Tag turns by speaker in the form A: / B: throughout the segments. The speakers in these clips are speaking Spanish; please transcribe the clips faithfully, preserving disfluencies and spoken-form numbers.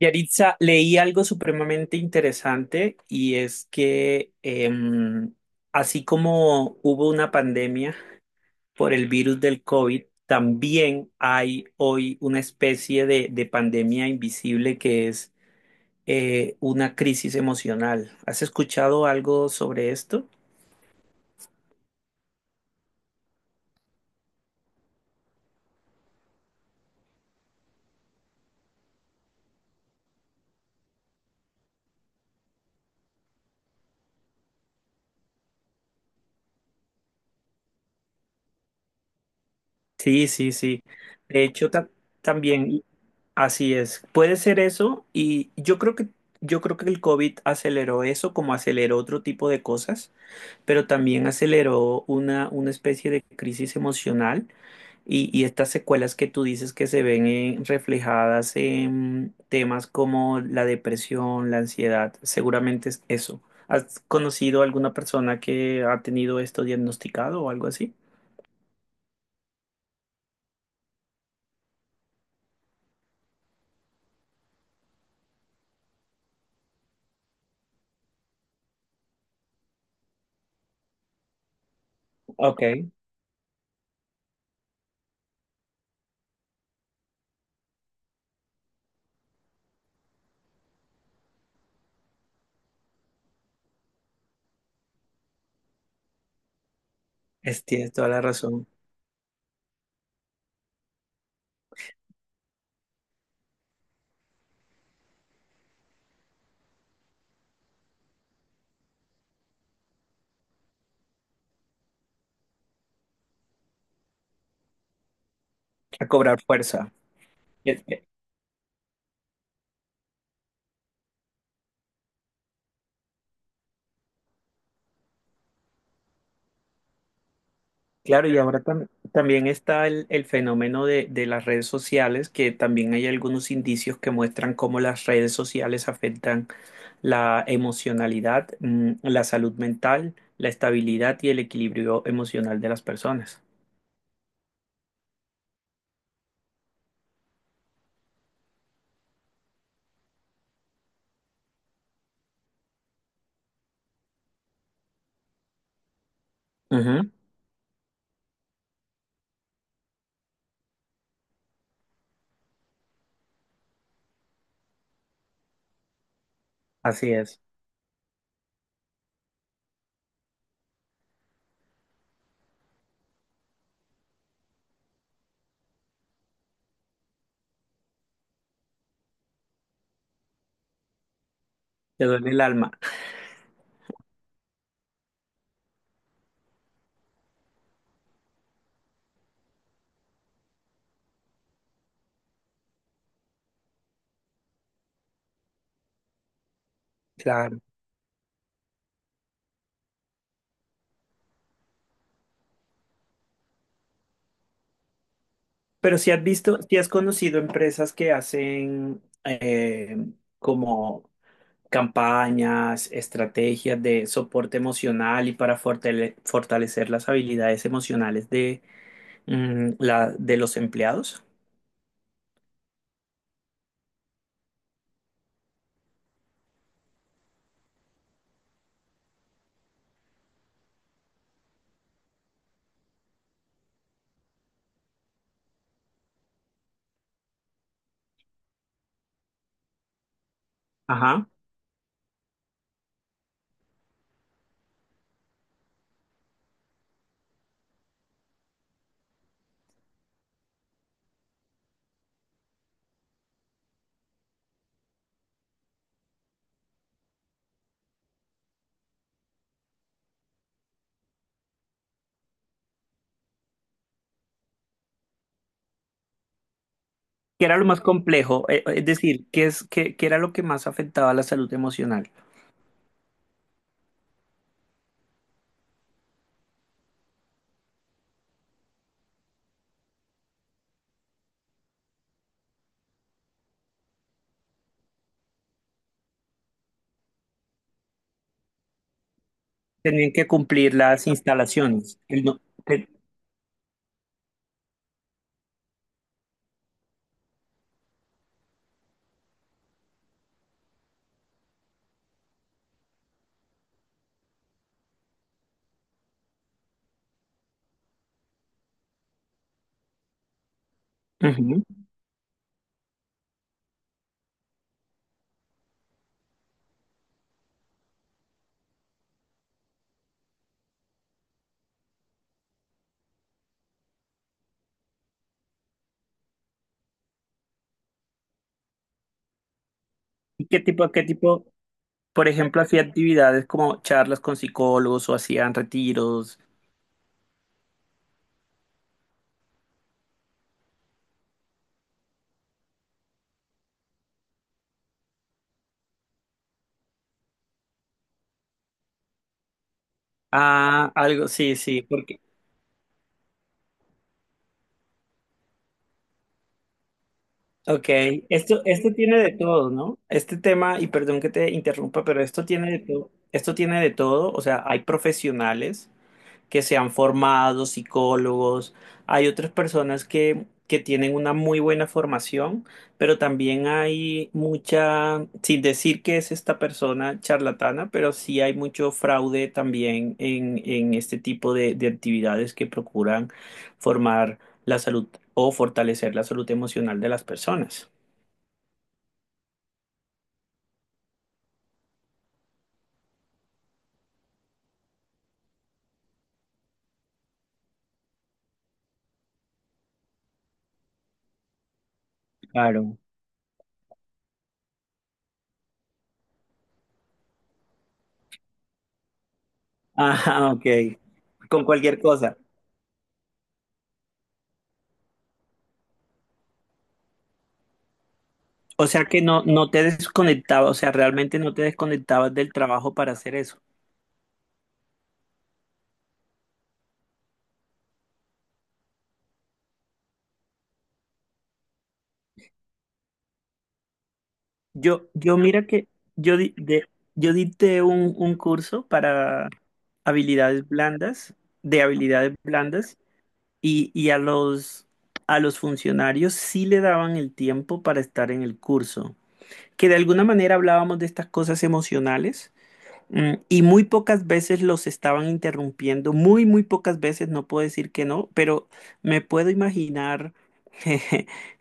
A: Yaritza, leí algo supremamente interesante y es que em, así como hubo una pandemia por el virus del COVID, también hay hoy una especie de, de pandemia invisible que es eh, una crisis emocional. ¿Has escuchado algo sobre esto? Sí, sí, sí. De hecho, ta- también así es. Puede ser eso y yo creo que yo creo que el COVID aceleró eso como aceleró otro tipo de cosas. Pero también aceleró una, una especie de crisis emocional y, y estas secuelas que tú dices que se ven eh, reflejadas en temas como la depresión, la ansiedad, seguramente es eso. ¿Has conocido alguna persona que ha tenido esto diagnosticado o algo así? Ok, es- tienes toda la razón. A cobrar fuerza. Es que- Claro, y ahora tam- también está el, el fenómeno de, de las redes sociales, que también hay algunos indicios que muestran cómo las redes sociales afectan la emocionalidad, mm, la salud mental, la estabilidad y el equilibrio emocional de las personas. Ujú. Así es, te duele el alma. Claro. Pero si has visto, si has conocido empresas que hacen eh, como campañas, estrategias de soporte emocional y para fortale- fortalecer las habilidades emocionales de, mm, la, de los empleados. Ajá. ¿Qué era lo más complejo? Eh, Es decir, ¿qué es, qué, qué era lo que más afectaba a la salud emocional? Tenían que cumplir las instalaciones. El no- te- Ujú. ¿Y qué tipo, qué tipo, por ejemplo, hacía actividades como charlas con psicólogos o hacían retiros? Ah, algo, sí, sí, porque, ok, esto, esto tiene de todo, ¿no? Este tema, y perdón que te interrumpa, pero esto tiene de todo, esto tiene de todo, o sea, hay profesionales que se han formado, psicólogos. Hay otras personas que, que tienen una muy buena formación, pero también hay mucha, sin decir que es esta persona charlatana, pero sí hay mucho fraude también en, en este tipo de, de actividades que procuran formar la salud o fortalecer la salud emocional de las personas. Claro. Ajá, ok. Con cualquier cosa. O sea que no, no te desconectabas, o sea, realmente no te desconectabas del trabajo para hacer eso. Yo, yo mira que yo, di- de- yo dicté un, un curso para habilidades blandas, de habilidades blandas, y, y a los, a los funcionarios sí le daban el tiempo para estar en el curso, que de alguna manera hablábamos de estas cosas emocionales. Mm, y muy pocas veces los estaban interrumpiendo, muy, muy pocas veces, no puedo decir que no, pero me puedo imaginar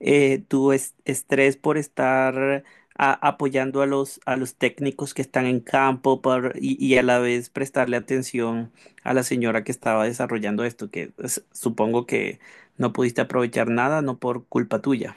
A: eh, tu es- estrés por estar a- apoyando a los, a los técnicos que están en campo por- y, y a la vez prestarle atención a la señora que estaba desarrollando esto, que es- supongo que no pudiste aprovechar nada, no por culpa tuya.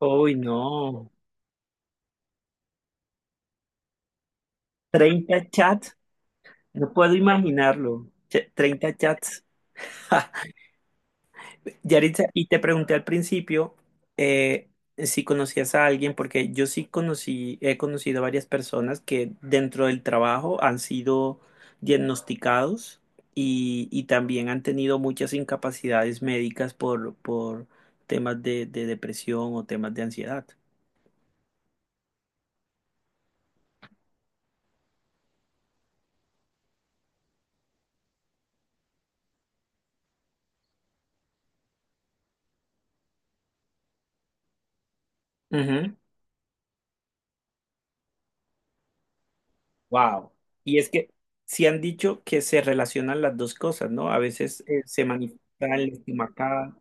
A: Uy, no, treinta chats, no puedo imaginarlo, Ch- treinta chats. Yaritza, y te pregunté al principio eh, si conocías a alguien, porque yo sí conocí, he conocido varias personas que dentro del trabajo han sido diagnosticados y, y también han tenido muchas incapacidades médicas por, por temas de, de depresión o temas de ansiedad. Ujú. Wow. Y es que sí han dicho que se relacionan las dos cosas, ¿no? A veces eh, se manifiesta en la estomacada.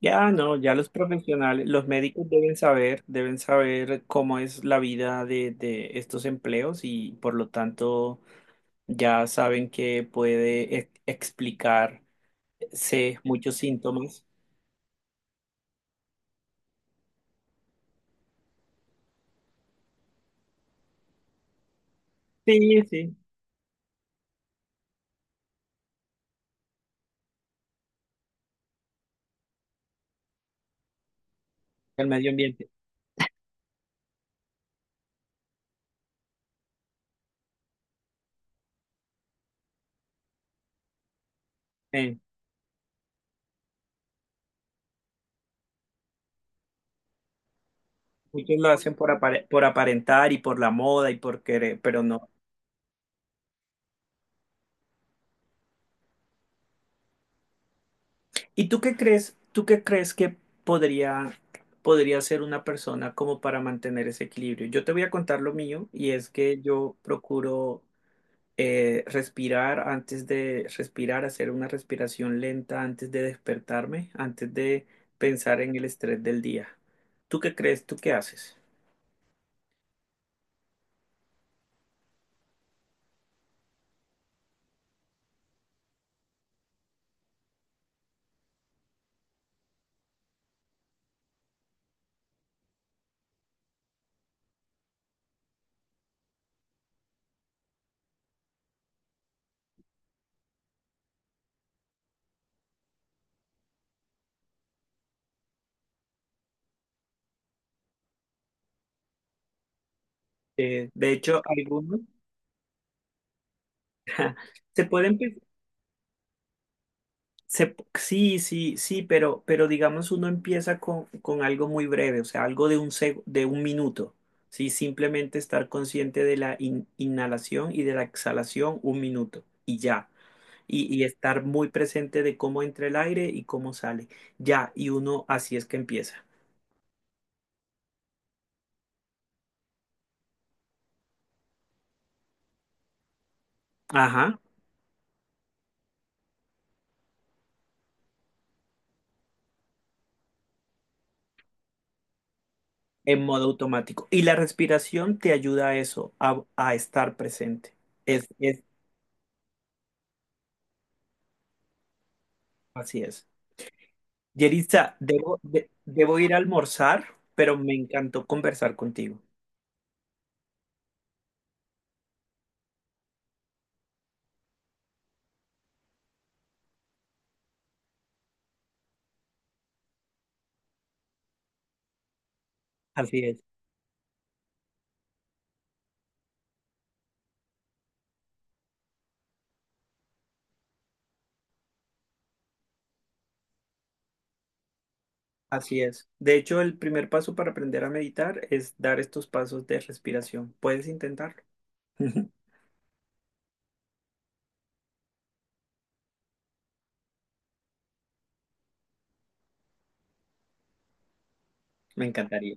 A: Ya no, ya los profesionales, los médicos deben saber, deben saber cómo es la vida de, de estos empleos y por lo tanto ya saben que puede ex- explicarse muchos síntomas. Sí, sí, el medio ambiente. Eh, muchos lo hacen por apare- por aparentar y por la moda y por querer, pero no. ¿Y tú qué crees? ¿Tú qué crees que podría podría ser una persona como para mantener ese equilibrio? Yo te voy a contar lo mío y es que yo procuro eh, respirar antes de respirar, hacer una respiración lenta antes de despertarme, antes de pensar en el estrés del día. ¿Tú qué crees? ¿Tú qué haces? Eh, de hecho, algunos se pueden, pe- se, sí, sí, sí, pero, pero digamos uno empieza con, con algo muy breve, o sea, algo de un, seg- de un minuto, ¿sí? Simplemente estar consciente de la in- inhalación y de la exhalación un minuto y ya. Y, y estar muy presente de cómo entra el aire y cómo sale. Ya, y uno así es que empieza. Ajá, en modo automático. Y la respiración te ayuda a eso, a, a estar presente. Es, es, así es. Yeritza, debo, de- debo ir a almorzar, pero me encantó conversar contigo. Así es. Así es. De hecho, el primer paso para aprender a meditar es dar estos pasos de respiración. ¿Puedes intentarlo? Me encantaría.